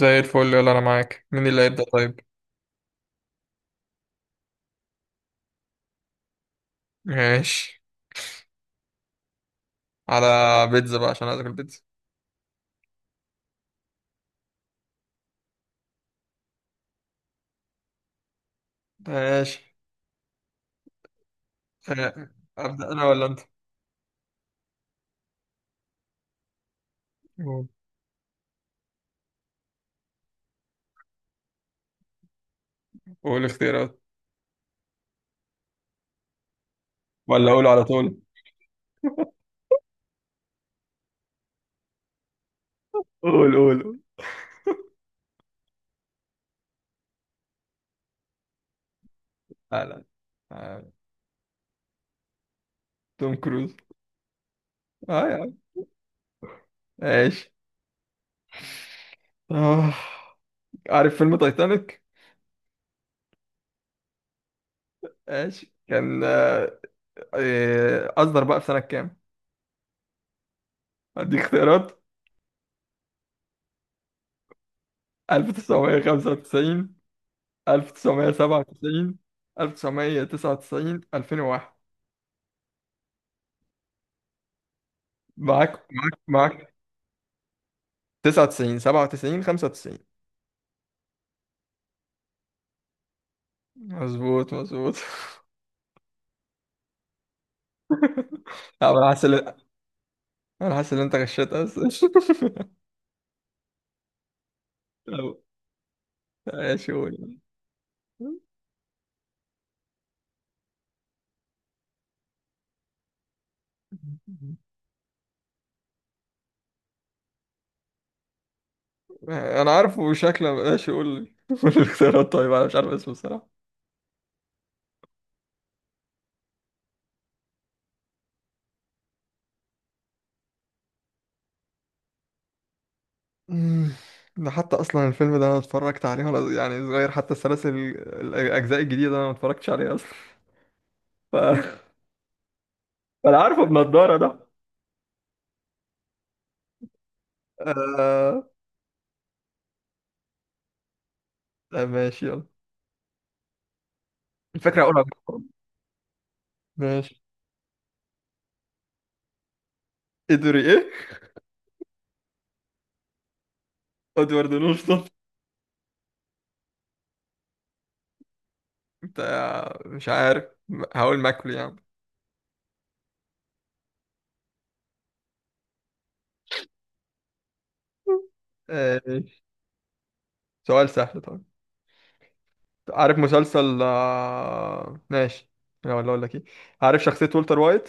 زي الفل يلا انا معاك. مين اللي هيبدأ طيب؟ ماشي. على بيتزا بقى عشان عايز اكل بيتزا. ماشي. آه، ابدأ انا ولا انت؟ قول قول اختيارات، ولا اقول على طول؟ قول. لا لا آه، توم كروز. اه يا عم. ماشي. آه. عارف فيلم تايتانيك؟ ماشي، كان اصدر بقى في سنة كام؟ اديك اختيارات: 1995، 1997، 1999، 2001. معاك معاك معاك. 99، 97، 95. مظبوط مظبوط. لا، انا حاسس ان انت غشيت اصلا. أو- ايش يقول. انا عارفه شكله ايش يقول. قول الاختيارات طيب، انا مش عارف اسمه الصراحه. أمم، ده حتى اصلا الفيلم ده انا اتفرجت عليه وانا يعني صغير، حتى السلاسل الاجزاء الجديده انا ما اتفرجتش عليها اصلا. ف... فانا عارفه بنضاره ده. آه... آه ماشي يلا. الفكره اقولها. ماشي. ادري ايه. ادوارد نورتون. بتاع مش عارف، هقول ماكل يعني. آه، سؤال سهل طبعا. عارف مسلسل ماشي. لا، ولا اقول لك ايه. عارف شخصية والتر وايت؟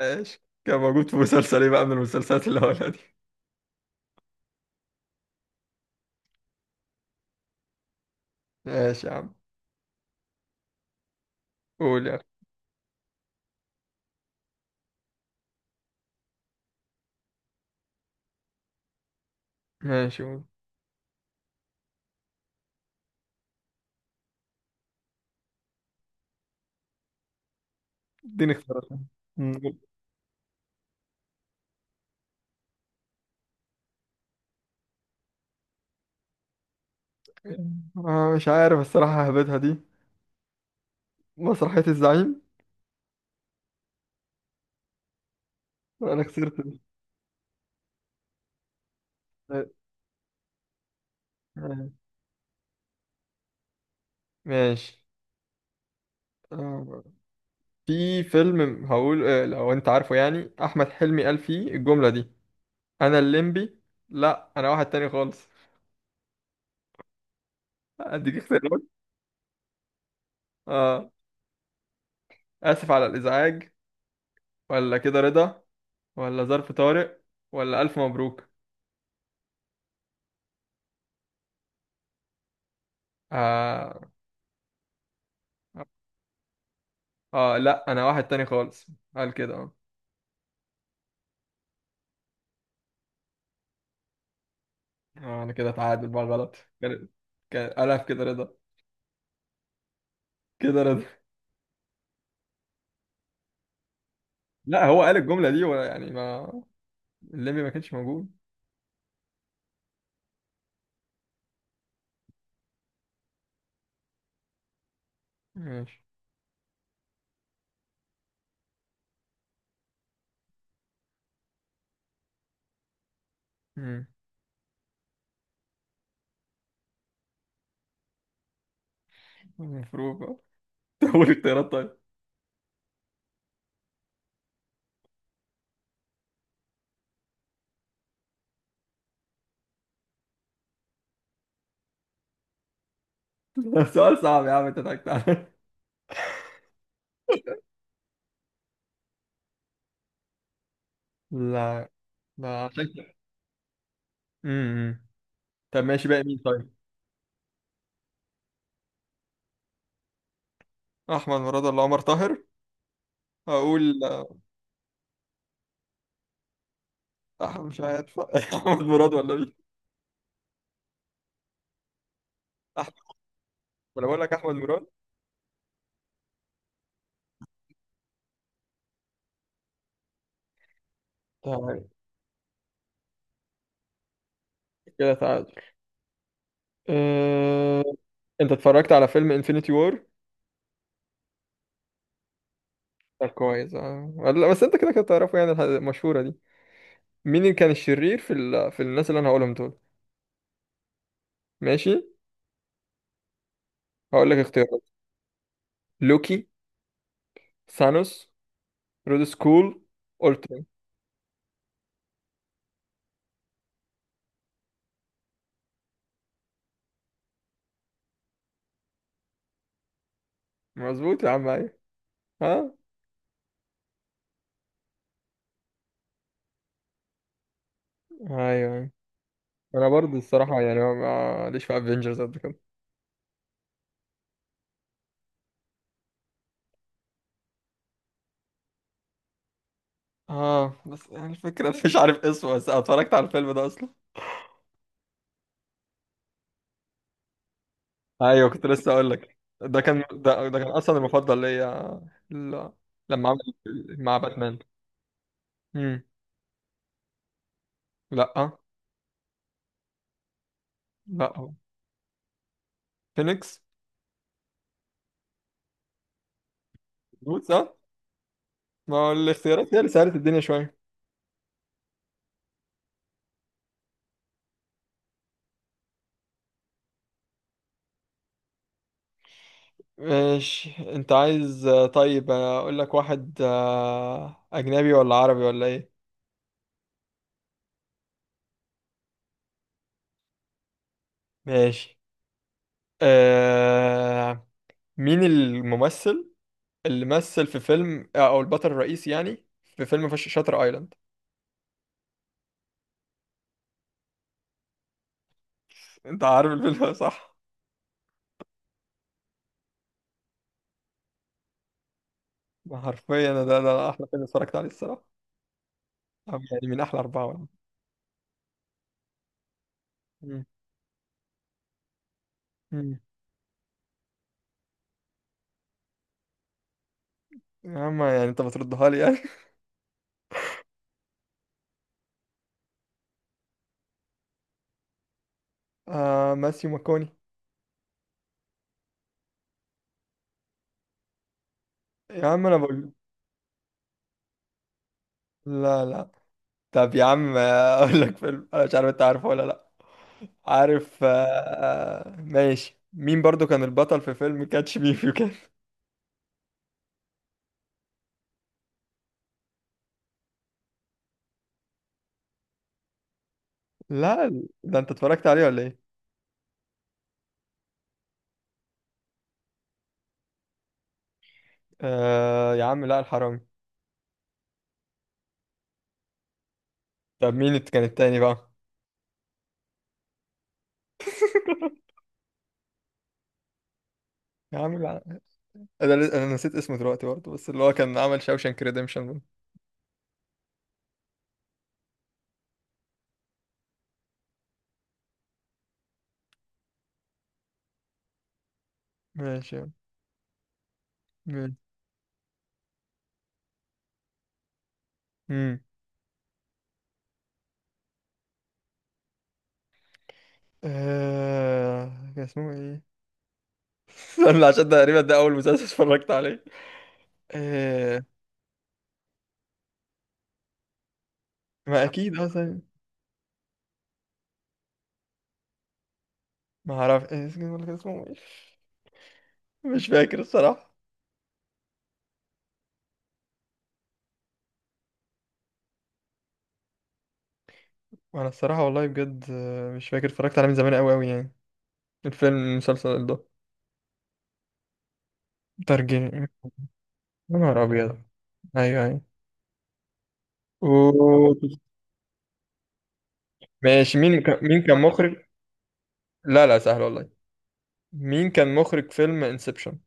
ماشي، كان موجود في مسلسل ايه بقى من المسلسلات اللي هقولها دي. ماشي يا عم. قول يا عم. ماشي. قول. اديني اختيارات. قول. مش عارف الصراحة، هبتها دي. مسرحية الزعيم. انا خسرت دي. آه، ماشي. آه، في فيلم هقول، لو انت عارفه يعني، احمد حلمي قال فيه الجملة دي: انا الليمبي. لا انا واحد تاني خالص. اديك اختيارات. اه. اسف على الازعاج، ولا كده رضا، ولا ظرف طارق، ولا الف مبروك. اه, آه لا انا واحد تاني خالص. قال كده اه. انا كده تعادل بقى. غلط كان. كان قالها في كده رضا. كده رضا. لا، هو قال الجملة دي، ولا يعني ما. الليمبي ما كانش موجود. ماشي. مم. المفروض بقى؟ اقول اختيارات طيب. سؤال صعب يا عم، انت ضحكت عليا. لا لا، عشان كده. امم. طب ماشي بقى، مين طيب؟ احمد مراد ولا عمر طاهر؟ هقول احمد مش عارف. احمد مراد ولا مين؟ احمد، ولا بقول لك احمد مراد. تعال. كده تعادل. أه... انت اتفرجت على فيلم انفينيتي وور؟ طب كويس. اه لا بس انت كده كده تعرفه يعني، المشهوره دي. مين اللي كان الشرير في الناس اللي انا هقولهم دول؟ ماشي، هقول لك اختيارات. لوكي، ثانوس، رود سكول، اولترا. مظبوط يا عم ايوه. ها. ايوه أيوة. انا برضه الصراحه يعني ليش في افنجرز قد كده. اه بس يعني الفكرة، مش عارف اسمه بس أنا اتفرجت على الفيلم ده اصلا. ايوه، كنت لسه اقول لك، ده كان ده كان اصلا المفضل ليا. ال- لما عمل مع باتمان. امم. لا. لا. فينيكس. بوتس اه. ما هو الاختيارات هي اللي سهلت الدنيا شويه. ماشي، انت عايز طيب، اقول لك واحد اجنبي ولا عربي ولا ايه؟ ماشي. أه... مين الممثل اللي مثل في فيلم او البطل الرئيسي يعني، في فيلم شاتر ايلاند؟ انت عارف الفيلم ده صح؟ ما حرفيا ده احلى فيلم اتفرجت عليه الصراحه. أو يعني من احلى اربعه ولا. مم. مم. يا عم يعني انت بتردها لي يعني. آه ماسيو ماكوني. يا عم انا بقول. لا لا. طب يا عم اقول لك فيلم انا مش عارف انت عارفه ولا لا. عارف آه. ماشي، مين برضو كان البطل في فيلم كاتش مي فيو كان؟ لا ده انت اتفرجت عليه ولا ايه؟ آه يا عم لا الحرام. طب مين اللي كان التاني بقى؟ يا عم لا. انا نسيت اسمه دلوقتي برضه، بس اللي هو كان عمل شاوشانك ريديمشن. ماشي. ماشي. امم. كان اسمه ايه؟ استنى، عشان ده تقريبا ده اول مسلسل اتفرجت عليه. آه... ما اكيد اصلا. ما اعرف إيه اسمه، ولا كان اسمه ايه. مش فاكر الصراحة. وانا الصراحة والله بجد، مش فاكر، اتفرجت عليه من زمان قوي قوي يعني، المسلسل ده. ترجمة يا نهار ابيض. ايوه ايوه. أوه. ماشي، مين كان مخرج؟ لا لا سهل والله. مين كان مخرج فيلم انسبشن؟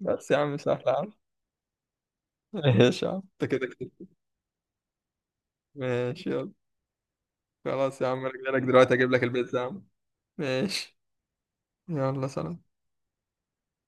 بس يا عم سهل يا عم. ماشي يا عم، انت كده كده. ماشي يلا. خلاص يا عم، انا جاي لك دلوقتي اجيب لك البيتزا يا عم. ماشي يلا سلام.